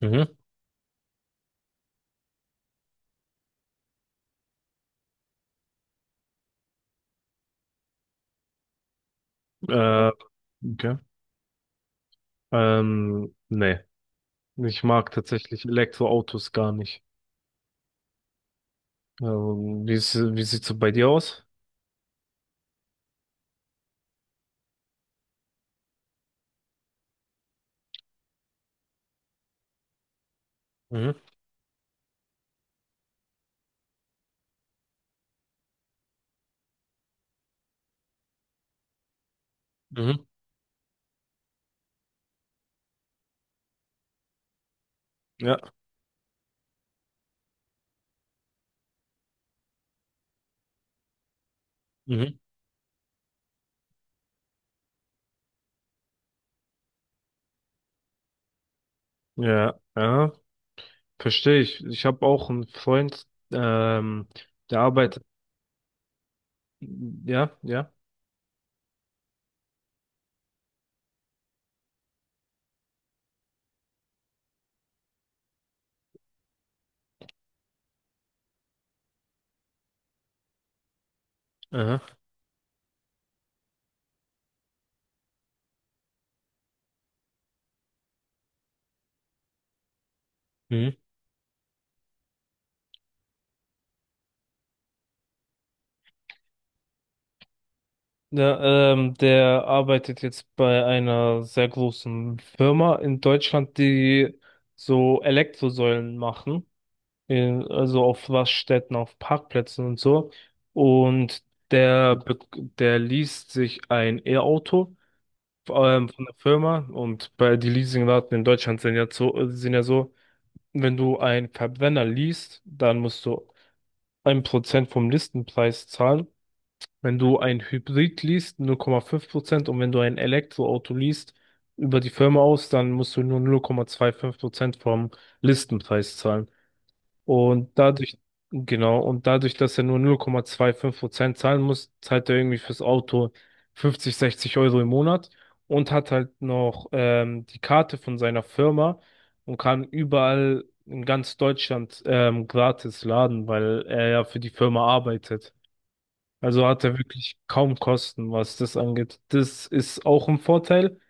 Mhm. Äh, okay. Nee. Ich mag tatsächlich Elektroautos gar nicht. Wie ist, wie sieht's so bei dir aus? Mhm. Mhm. Ja. Mhm. Ja. Ja. Verstehe ich. Ich habe auch einen Freund, der arbeitet. Ja, ja. Aha. Mhm. Ja, der arbeitet jetzt bei einer sehr großen Firma in Deutschland, die so Elektrosäulen machen, in, also auf Raststätten, auf Parkplätzen und so. Und der, be- der liest sich ein E-Auto von der Firma, und bei die Leasingraten in Deutschland sind ja so, wenn du einen Verbrenner liest, dann musst du ein Prozent vom Listenpreis zahlen. Wenn du ein Hybrid liest, 0,5%, und wenn du ein Elektroauto liest, über die Firma aus, dann musst du nur 0,25% vom Listenpreis zahlen. Und dadurch, genau, und dadurch, dass er nur 0,25% zahlen muss, zahlt er irgendwie fürs Auto 50, 60 € im Monat und hat halt noch die Karte von seiner Firma und kann überall in ganz Deutschland gratis laden, weil er ja für die Firma arbeitet. Also hat er wirklich kaum Kosten, was das angeht. Das ist auch ein Vorteil,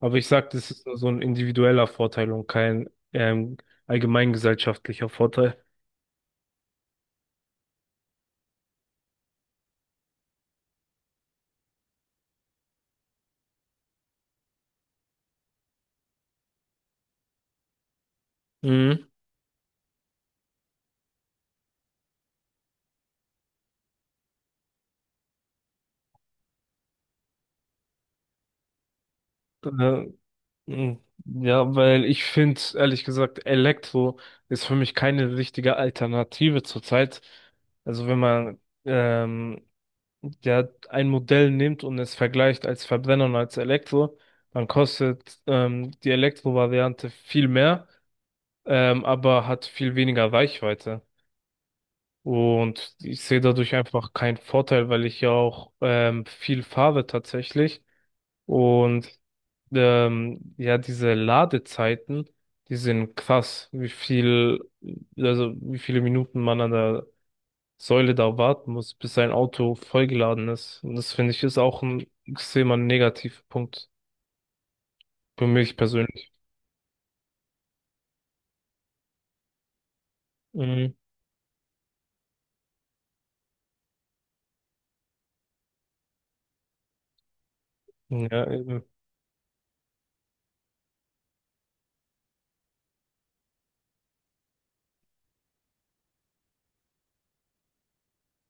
aber ich sag, das ist nur so ein individueller Vorteil und kein allgemeingesellschaftlicher Vorteil. Mhm. Äh, mh, ja, weil ich finde, ehrlich gesagt, Elektro ist für mich keine richtige Alternative zurzeit. Also wenn man ähm, ja, ein Modell nimmt und es vergleicht als Verbrenner und als Elektro, dann kostet die Elektro-Variante viel mehr, aber hat viel weniger Reichweite. Und ich sehe dadurch einfach keinen Vorteil, weil ich ja auch viel fahre tatsächlich. Und ja, diese Ladezeiten, die sind krass, also wie viele Minuten man an der Säule da warten muss, bis sein Auto vollgeladen ist. Und das finde ich ist auch ein extremer Negativpunkt für mich persönlich. Mhm. Ja, eben.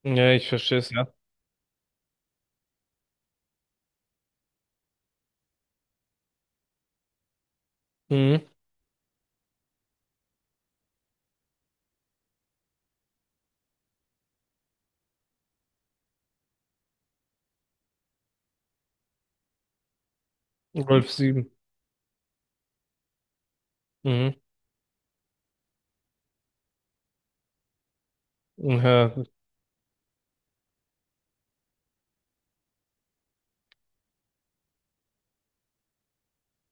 Ja, ich verstehe es, ja. Mhm. Golf sieben. Mhm. Ja,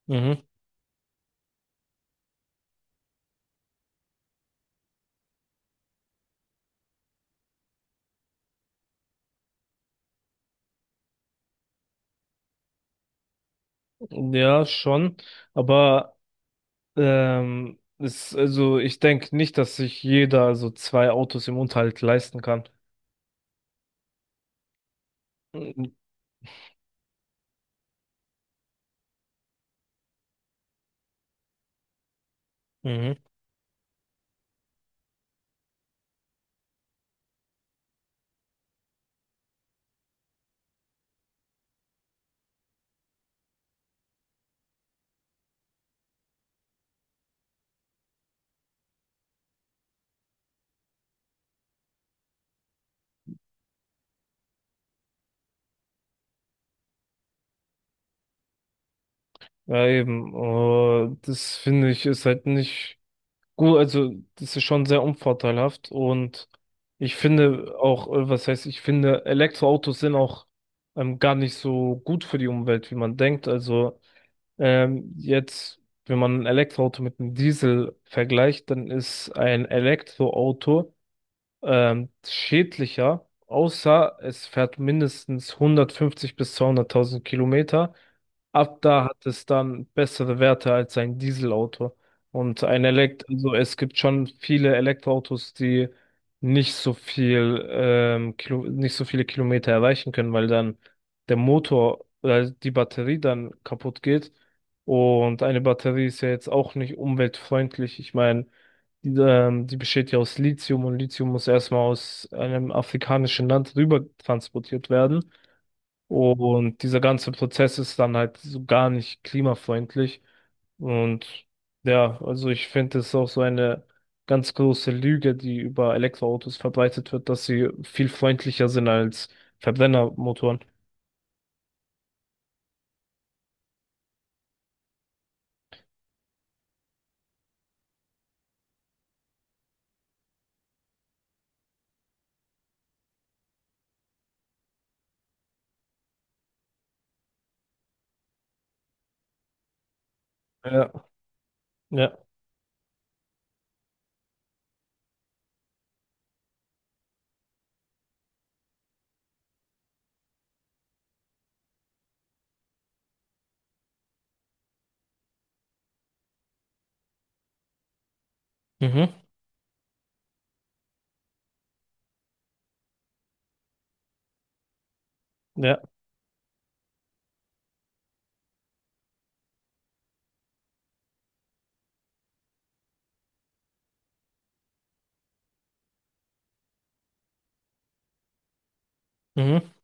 mhm. Ja, schon. Aber ist, also ich denke nicht, dass sich jeder so zwei Autos im Unterhalt leisten kann. Mhm. Mhm. Ja, eben. Das finde ich ist halt nicht gut. Also das ist schon sehr unvorteilhaft, und ich finde auch, was heißt, ich finde Elektroautos sind auch gar nicht so gut für die Umwelt, wie man denkt. Also ähm, jetzt, wenn man ein Elektroauto mit einem Diesel vergleicht, dann ist ein Elektroauto schädlicher, außer es fährt mindestens 150 bis 200.000 Kilometer. Ab da hat es dann bessere Werte als ein Dieselauto. Also es gibt schon viele Elektroautos, die nicht so nicht so viele Kilometer erreichen können, weil dann der Motor oder die Batterie dann kaputt geht. Und eine Batterie ist ja jetzt auch nicht umweltfreundlich. Ich meine, die besteht ja aus Lithium, und Lithium muss erstmal aus einem afrikanischen Land rüber transportiert werden. Und dieser ganze Prozess ist dann halt so gar nicht klimafreundlich. Und ja, also ich finde es auch so eine ganz große Lüge, die über Elektroautos verbreitet wird, dass sie viel freundlicher sind als Verbrennermotoren. Ja, ja, mhm, ja, mhm,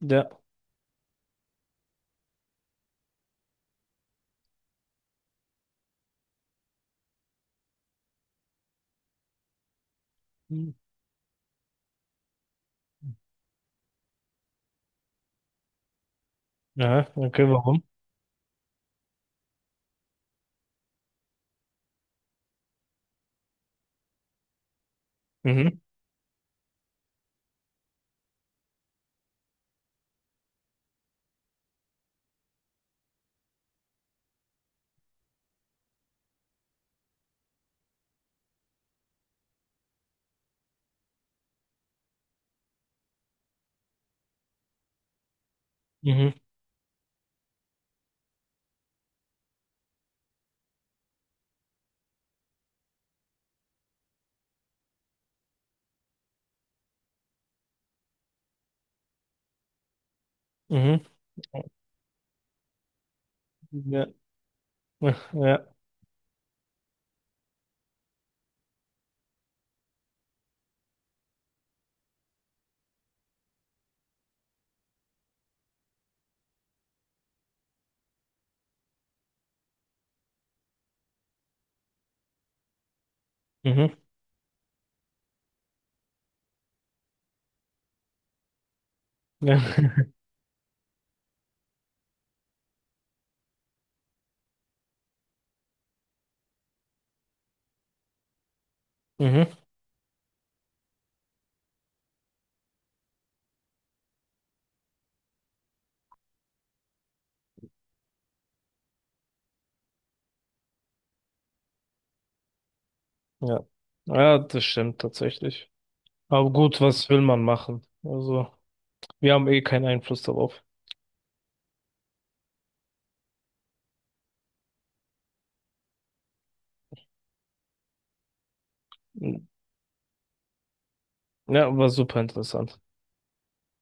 ja. Mhm. Ja, okay, warum? Mhm, mhm, mhm. Ja, ja. Mhm. Ja. Mhm. Ja. Ja, das stimmt tatsächlich. Aber gut, was will man machen? Also, wir haben eh keinen Einfluss darauf. Hm. Ja, war super interessant.